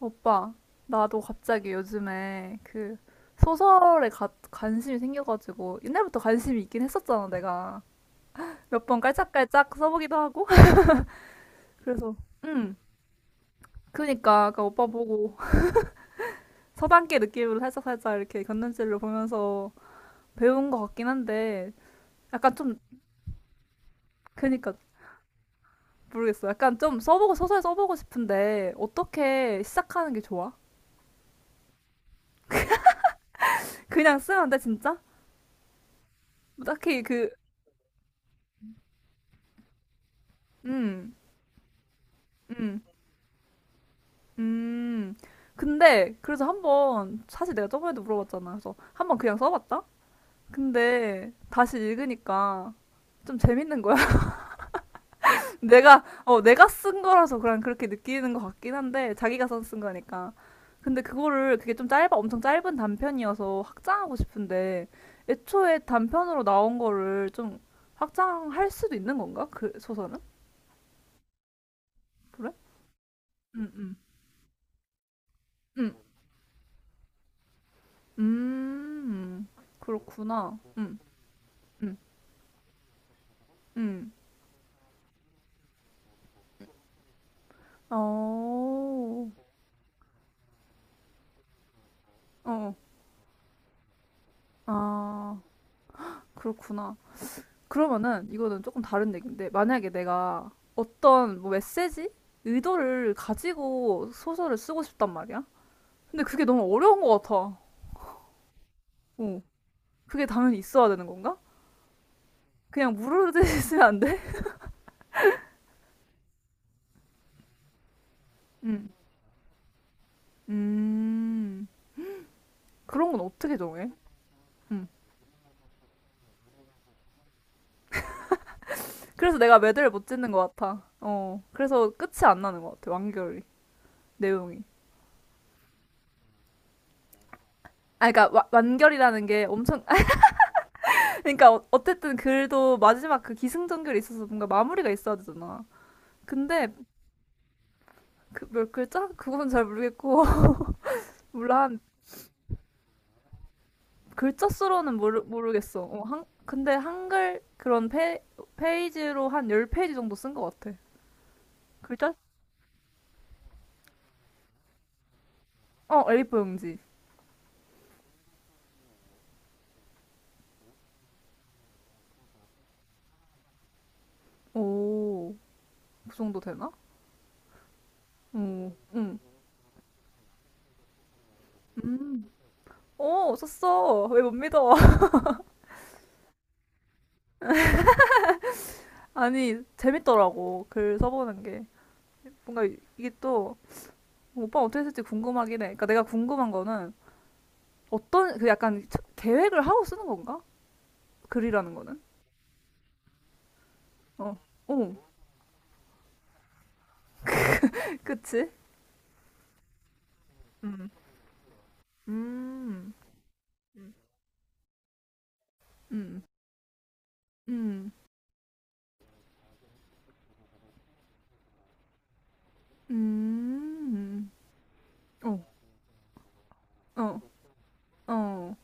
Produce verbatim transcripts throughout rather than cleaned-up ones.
오빠, 나도 갑자기 요즘에 그 소설에 가- 관심이 생겨가지고 옛날부터 관심이 있긴 했었잖아, 내가. 몇 번 깔짝깔짝 써보기도 하고. 그래서, 응. 그니까, 아까 오빠 보고 서당계 느낌으로 살짝살짝 이렇게 곁눈질로 보면서 배운 것 같긴 한데, 약간 좀, 그니까, 모르겠어. 약간 좀 써보고, 소설 써보고 싶은데, 어떻게 시작하는 게 좋아? 그냥 쓰면 돼, 진짜? 뭐 딱히 그, 응, 응. 음, 근데 그래서 한번 사실 내가 저번에도 물어봤잖아. 그래서 한번 그냥 써봤다. 근데 다시 읽으니까 좀 재밌는 거야. 내가 어 내가 쓴 거라서 그냥 그렇게 느끼는 것 같긴 한데 자기가 써 쓴 거니까. 근데 그거를 그게 좀 짧아, 엄청 짧은 단편이어서 확장하고 싶은데, 애초에 단편으로 나온 거를 좀 확장할 수도 있는 건가? 그 소설은? 그래? 음, 음, 음, 음, 그렇구나. 음, 음, 음. 어, 어, 아, 그렇구나. 그러면은 이거는 조금 다른 얘기인데, 만약에 내가 어떤 뭐 메시지? 의도를 가지고 소설을 쓰고 싶단 말이야? 근데 그게 너무 어려운 것 같아. 어, 그게 당연히 있어야 되는 건가? 그냥 무르르 쓰면 안 돼? 음, 음, 그런 건 어떻게 정해? 음, 그래서 내가 매듭을 못 짓는 것 같아. 어, 그래서 끝이 안 나는 것 같아, 완결이, 내용이. 아, 그러니까 와- 완결이라는 게 엄청, 그러니까 어- 어쨌든 글도 마지막 그 기승전결이 있어서 뭔가 마무리가 있어야 되잖아. 근데 그 몇 글자? 그건 잘 모르겠고. 몰라, 한 글자 수로는 모르, 모르겠어. 어, 한, 근데 한글 그런 페, 페이지로 한 십 페이지 정도 쓴 것 같아. 글자? 어, 에이 사 용지. 오, 그 정도 되나? 오, 응. 음. 오, 썼어. 왜 못 믿어? 아니, 재밌더라고. 글 써보는 게. 뭔가 이- 이게 또 오빠 어떻게 했을지 궁금하긴 해. 그러니까 내가 궁금한 거는 어떤 그 약간 계획을 하고 쓰는 건가? 글이라는 거는. 어. 어. 그치? 음. 음. 음. 음. 음. 음. 어. 어. 어.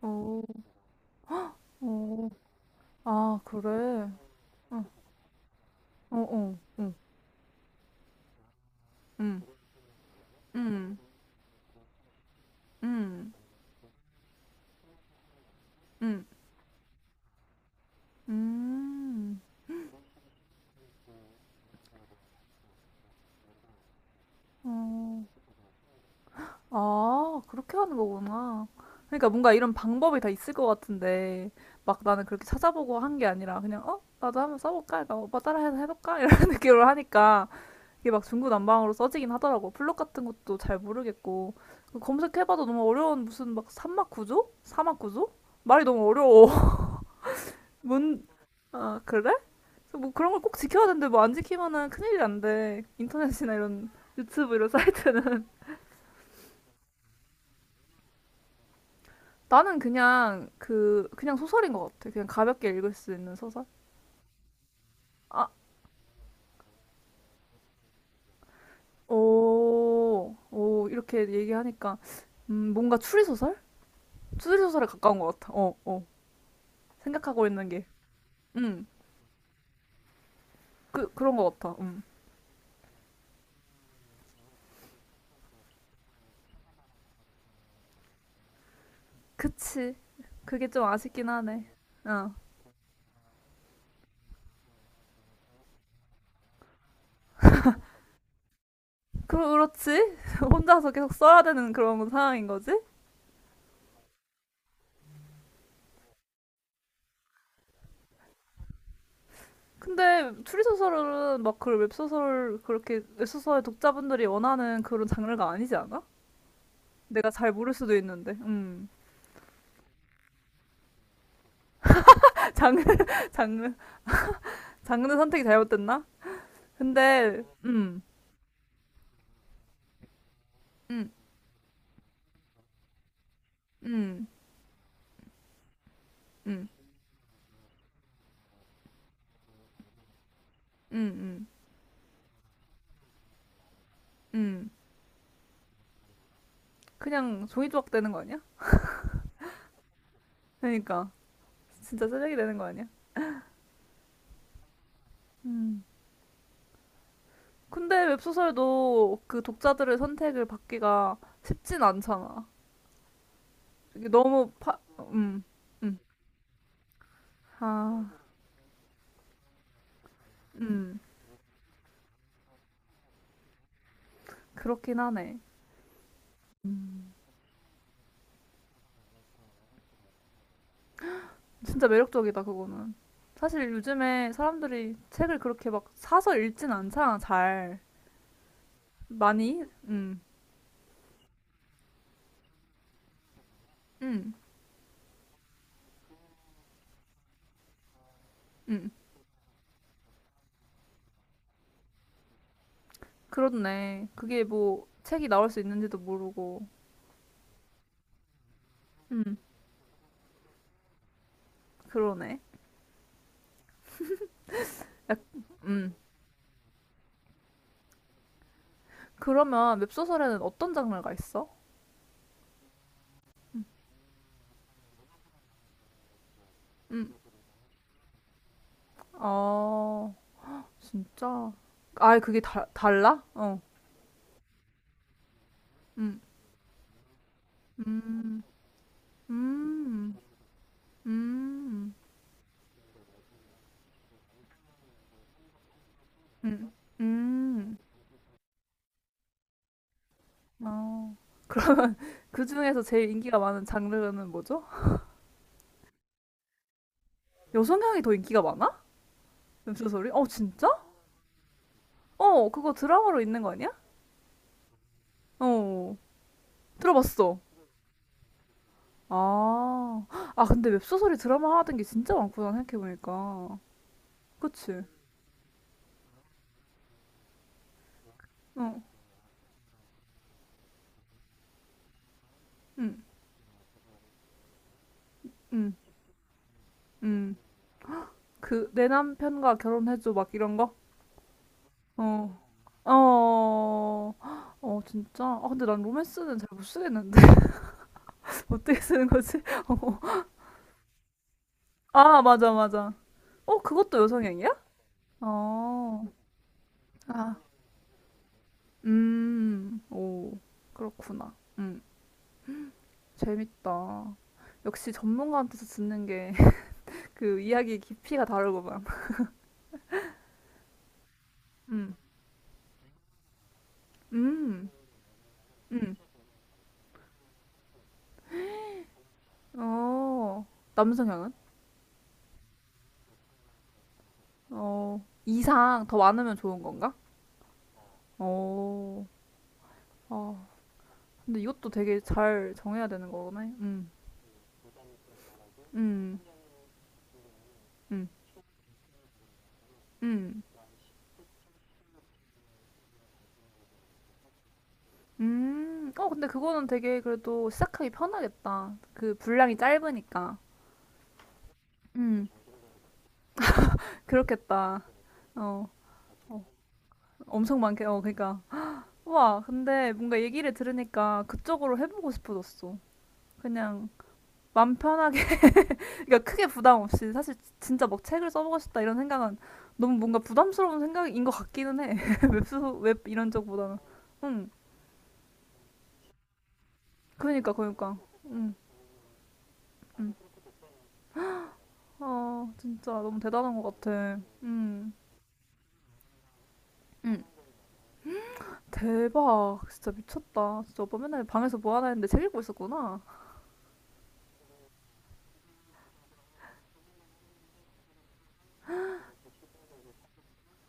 어. 어. 아, 그래. 어. 어. 어. 어. 음. 음. 음. 음. 음. 어. 아, 그렇게 하는 거구나. 그러니까 뭔가 이런 방법이 다 있을 것 같은데, 막 나는 그렇게 찾아보고 한 게 아니라, 그냥, 어? 나도 한번 써볼까? 그러니까 오빠 따라해서 해볼까? 이런 느낌으로 하니까, 이게 막 중구난방으로 써지긴 하더라고. 블록 같은 것도 잘 모르겠고. 그 검색해봐도 너무 어려운 무슨 막 산막 구조? 사막 구조? 말이 너무 어려워. 뭔, 아, 그래? 뭐 그런 걸 꼭 지켜야 되는데, 뭐 안 지키면은 큰일이 안 돼. 인터넷이나 이런 유튜브 이런 사이트는. 나는 그냥 그 그냥 소설인 것 같아. 그냥 가볍게 읽을 수 있는 소설. 아, 오, 오 이렇게 얘기하니까 음, 뭔가 추리 소설? 추리 소설에 가까운 것 같아. 어, 어. 생각하고 있는 게, 음, 그 그런 것 같아. 음, 그치. 그게 좀 아쉽긴 하네. 어, 그 그렇지. 혼자서 계속 써야 되는 그런 상황인 거지. 근데 추리 소설은 막 그 웹소설, 그렇게 웹소설 독자분들이 원하는 그런 장르가 아니지 않아? 내가 잘 모를 수도 있는데. 음. 장르, 장르, 장르 선택이 잘못됐나? 근데, 음, 음, 음, 음, 음, 음, 음. 그냥 종이 조각 되는 거 아니야? 그러니까. 진짜 쓰레기 되는 거 아니야? 음. 근데 웹소설도 그 독자들의 선택을 받기가 쉽진 않잖아. 이게 너무 파, 음, 음. 아, 음. 그렇긴 하네. 음. 진짜 매력적이다, 그거는. 사실 요즘에 사람들이 책을 그렇게 막 사서 읽진 않잖아, 잘. 많이? 응, 응, 응. 그렇네. 그게 뭐 책이 나올 수 있는지도 모르고. 응, 그러네. 응. 그러면 웹소설에는 어떤 장르가 있어? 응. 아, 진짜. 아, 그게 다, 달라? 어. 응. 음, 음, 음, 음, 음. 아, 그러면 그 중에서 제일 인기가 많은 장르는 뭐죠? 여성향이 더 인기가 많아? 엽소설이 어, 진짜? 어, 그거 드라마로 있는 거 아니야? 어, 들어봤어. 아, 아, 근데 웹소설이 드라마 하던 게 진짜 많구나, 생각해보니까. 그치? 어, 응, 응, 응. 그, 내 남편과 결혼해줘, 막 이런 거? 어, 어, 어, 진짜? 아, 근데 난 로맨스는 잘 못 쓰겠는데. 어떻게 쓰는 거지? 어. 아, 맞아, 맞아. 어, 그것도 여성향이야? 어, 아, 음, 오, 그렇구나. 음, 재밌다. 역시 전문가한테서 듣는 게 그 이야기 깊이가 다르구만. 음, 음, 음, 어, 남성향은? 어, 이상 더 많으면 좋은 건가? 어, 아, 근데 이것도 되게 잘 정해야 되는 거네. 음, 음, 음, 음. 음, 어, 근데 그거는 되게 그래도 시작하기 편하겠다. 그 분량이 짧으니까. 음, 그렇겠다. 어, 어, 엄청 많게, 어, 그니까. 와, 근데 뭔가 얘기를 들으니까 그쪽으로 해보고 싶어졌어. 그냥 맘 편하게, 그러니까 크게 부담 없이. 사실 진짜 막 책을 써보고 싶다 이런 생각은 너무 뭔가 부담스러운 생각인 것 같기는 해. 웹소, 웹 이런 쪽보다는. 응 그니까, 그니까. 응 응 아, 진짜 너무 대단한 것 같아. 응응 대박. 진짜 미쳤다. 진짜 오빠 맨날 방에서 뭐 하나 했는데 책 읽고 있었구나.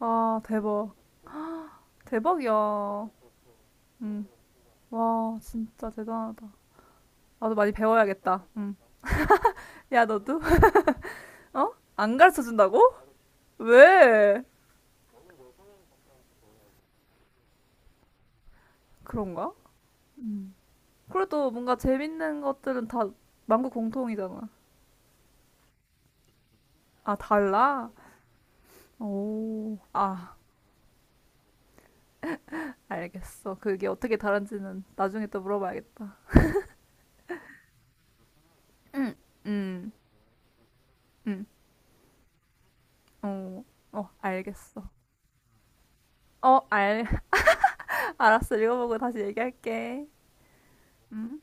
아, 대박. 대박이야. 응. 와, 진짜 대단하다. 나도 많이 배워야겠다. 응. 야, 너도? 어? 안 가르쳐 준다고? 왜? 그런가? 음. 그래도 뭔가 재밌는 것들은 다 만국 공통이잖아. 아, 달라? 오. 아, 알겠어. 그게 어떻게 다른지는 나중에 또 물어봐야겠다. 응, 응, 응. 어, 어, 알겠어. 어, 알, 알았어. 읽어보고 다시 얘기할게. 음.